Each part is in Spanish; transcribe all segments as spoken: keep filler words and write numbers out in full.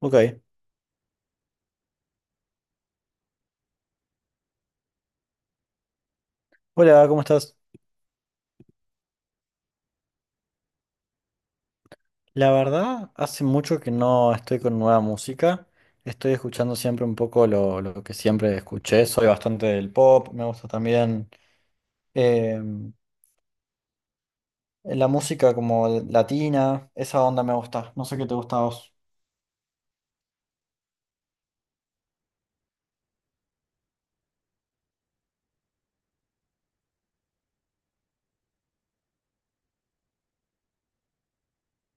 Ok. Hola, ¿cómo estás? La verdad, hace mucho que no estoy con nueva música. Estoy escuchando siempre un poco lo, lo que siempre escuché. Soy bastante del pop, me gusta también eh, la música como latina, esa onda me gusta. No sé qué te gusta a vos.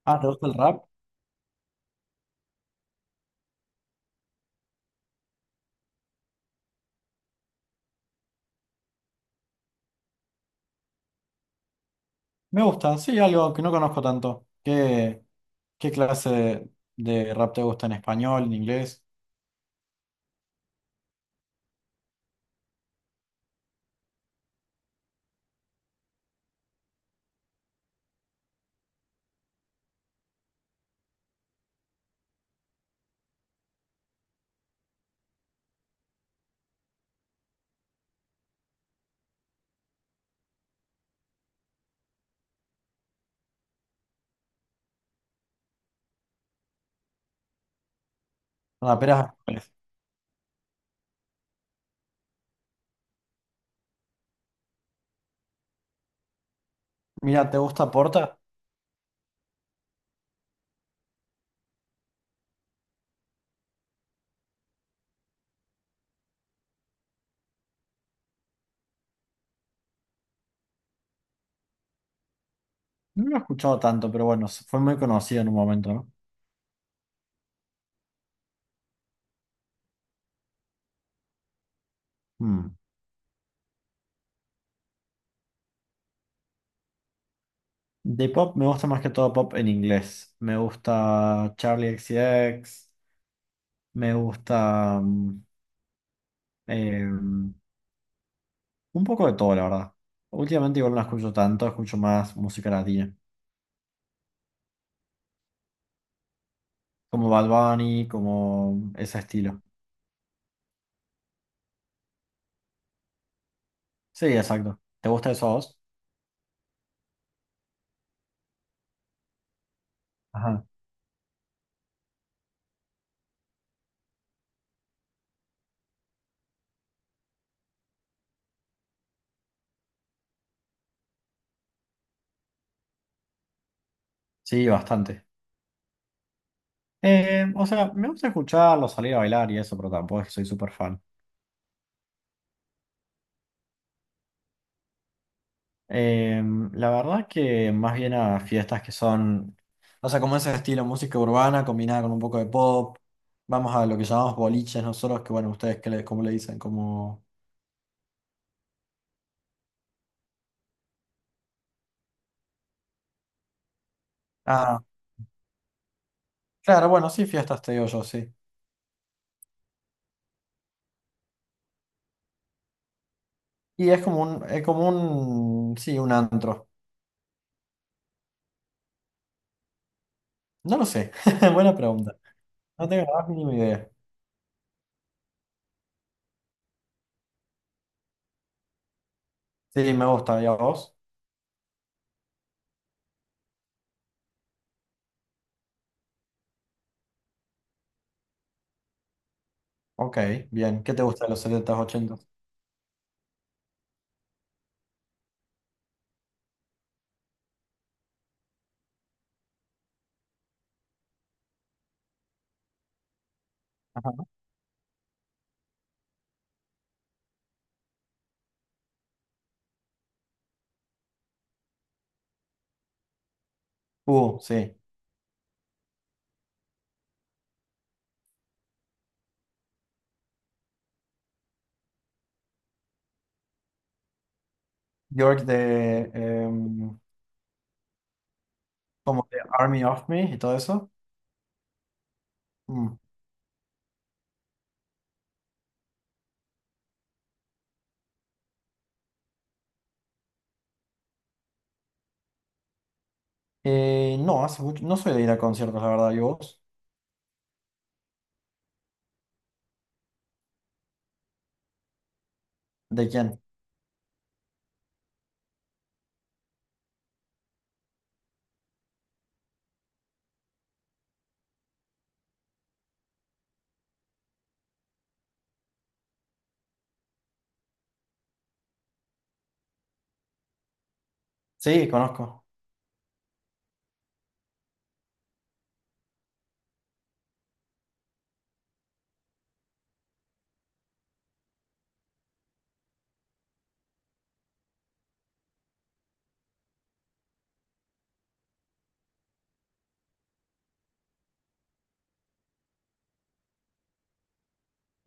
Ah, ¿te gusta el rap? Me gusta, sí, algo que no conozco tanto. ¿Qué, qué clase de rap te gusta, ¿en español, en inglés? Raperas. Mira, ¿te gusta Porta? No lo he escuchado tanto, pero bueno, fue muy conocido en un momento, ¿no? Hmm. De pop me gusta más que todo pop en inglés. Me gusta Charlie X C X. Me gusta mm, eh, un poco de todo, la verdad. Últimamente igual no escucho tanto, escucho más música latina, como Bad Bunny, como ese estilo. Sí, exacto. ¿Te gusta eso a vos? Ajá. Sí, bastante. Eh, o sea, me gusta escucharlo, salir a bailar y eso, pero tampoco es que soy súper fan. Eh, la verdad que más bien a fiestas que son, o sea, como ese estilo música urbana combinada con un poco de pop. Vamos a lo que llamamos boliches nosotros, que bueno, ustedes qué le, cómo le dicen, como... Ah, claro, bueno, sí, fiestas te digo yo, sí. Y es como un, es como un, sí, un antro. No lo sé, buena pregunta. No tengo la más mínima idea. Sí, me gusta, ¿y a vos? Ok, bien. ¿Qué te gusta de los setenta s ochentas? Ajá. Uh, sí. York de, em, como de Army of Me y todo eso. Mm. Eh, no, hace mucho, no soy de ir a conciertos, la verdad. ¿Y vos? ¿De quién? Sí, conozco.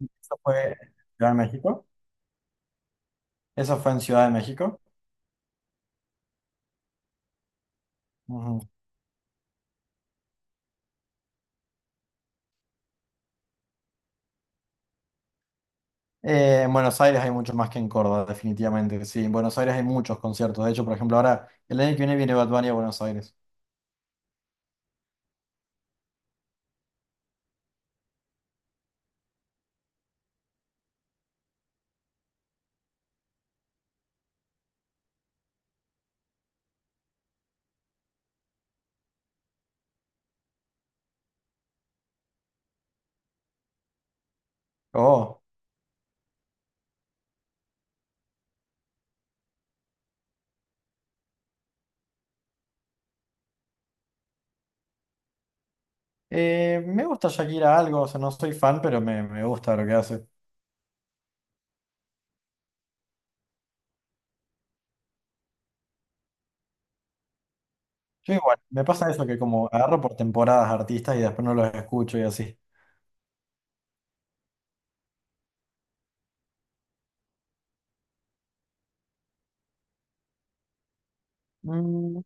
¿Eso fue en Ciudad de México? ¿Eso fue en Ciudad de México? Ujú. Eh, en Buenos Aires hay mucho más que en Córdoba, definitivamente. Sí, en Buenos Aires hay muchos conciertos. De hecho, por ejemplo, ahora el año que viene viene Bad Bunny a Buenos Aires. Oh, eh, me gusta Shakira algo, o sea, no soy fan, pero me, me gusta lo que hace. Yo igual, me pasa eso que como agarro por temporadas artistas y después no los escucho y así. Mm,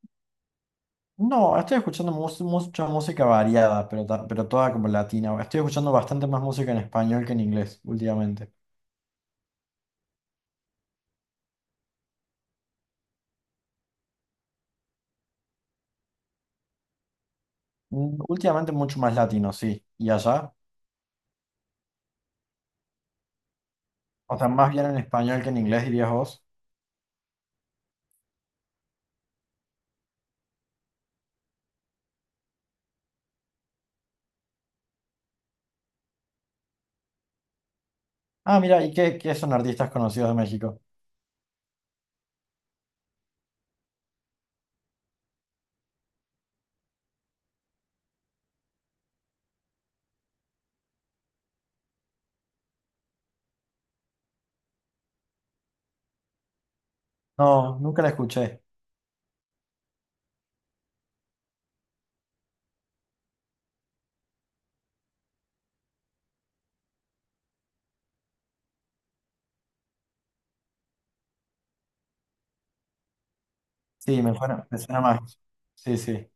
No, estoy escuchando mus- mucha música variada, pero, ta- pero toda como latina. Estoy escuchando bastante más música en español que en inglés últimamente. Mm, Últimamente mucho más latino, sí. ¿Y allá? O sea, más bien en español que en inglés, dirías vos. Ah, mira, ¿y qué, qué son artistas conocidos de México? No, nunca la escuché. Sí, me suena, me suena más. Sí, sí.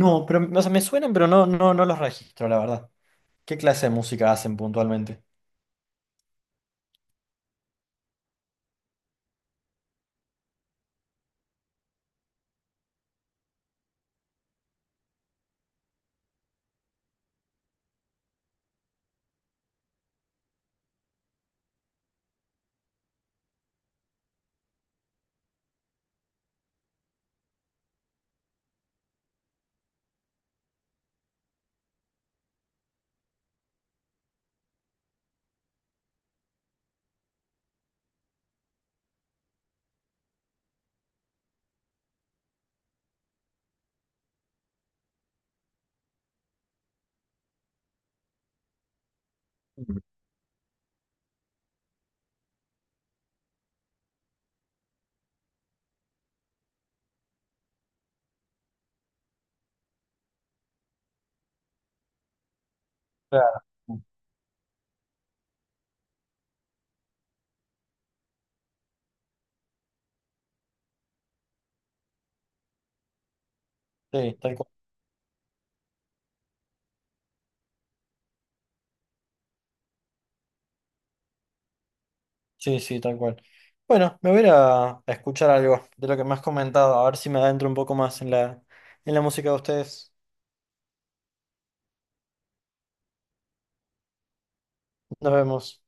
No, pero o sea, me suenan, pero no, no, no los registro, la verdad. ¿Qué clase de música hacen puntualmente? Mm. Claro. Sí, tal cual. Sí, sí, tal cual. Bueno, me voy a ir a a escuchar algo de lo que me has comentado, a ver si me adentro un poco más en la, en la, música de ustedes. Nos vemos.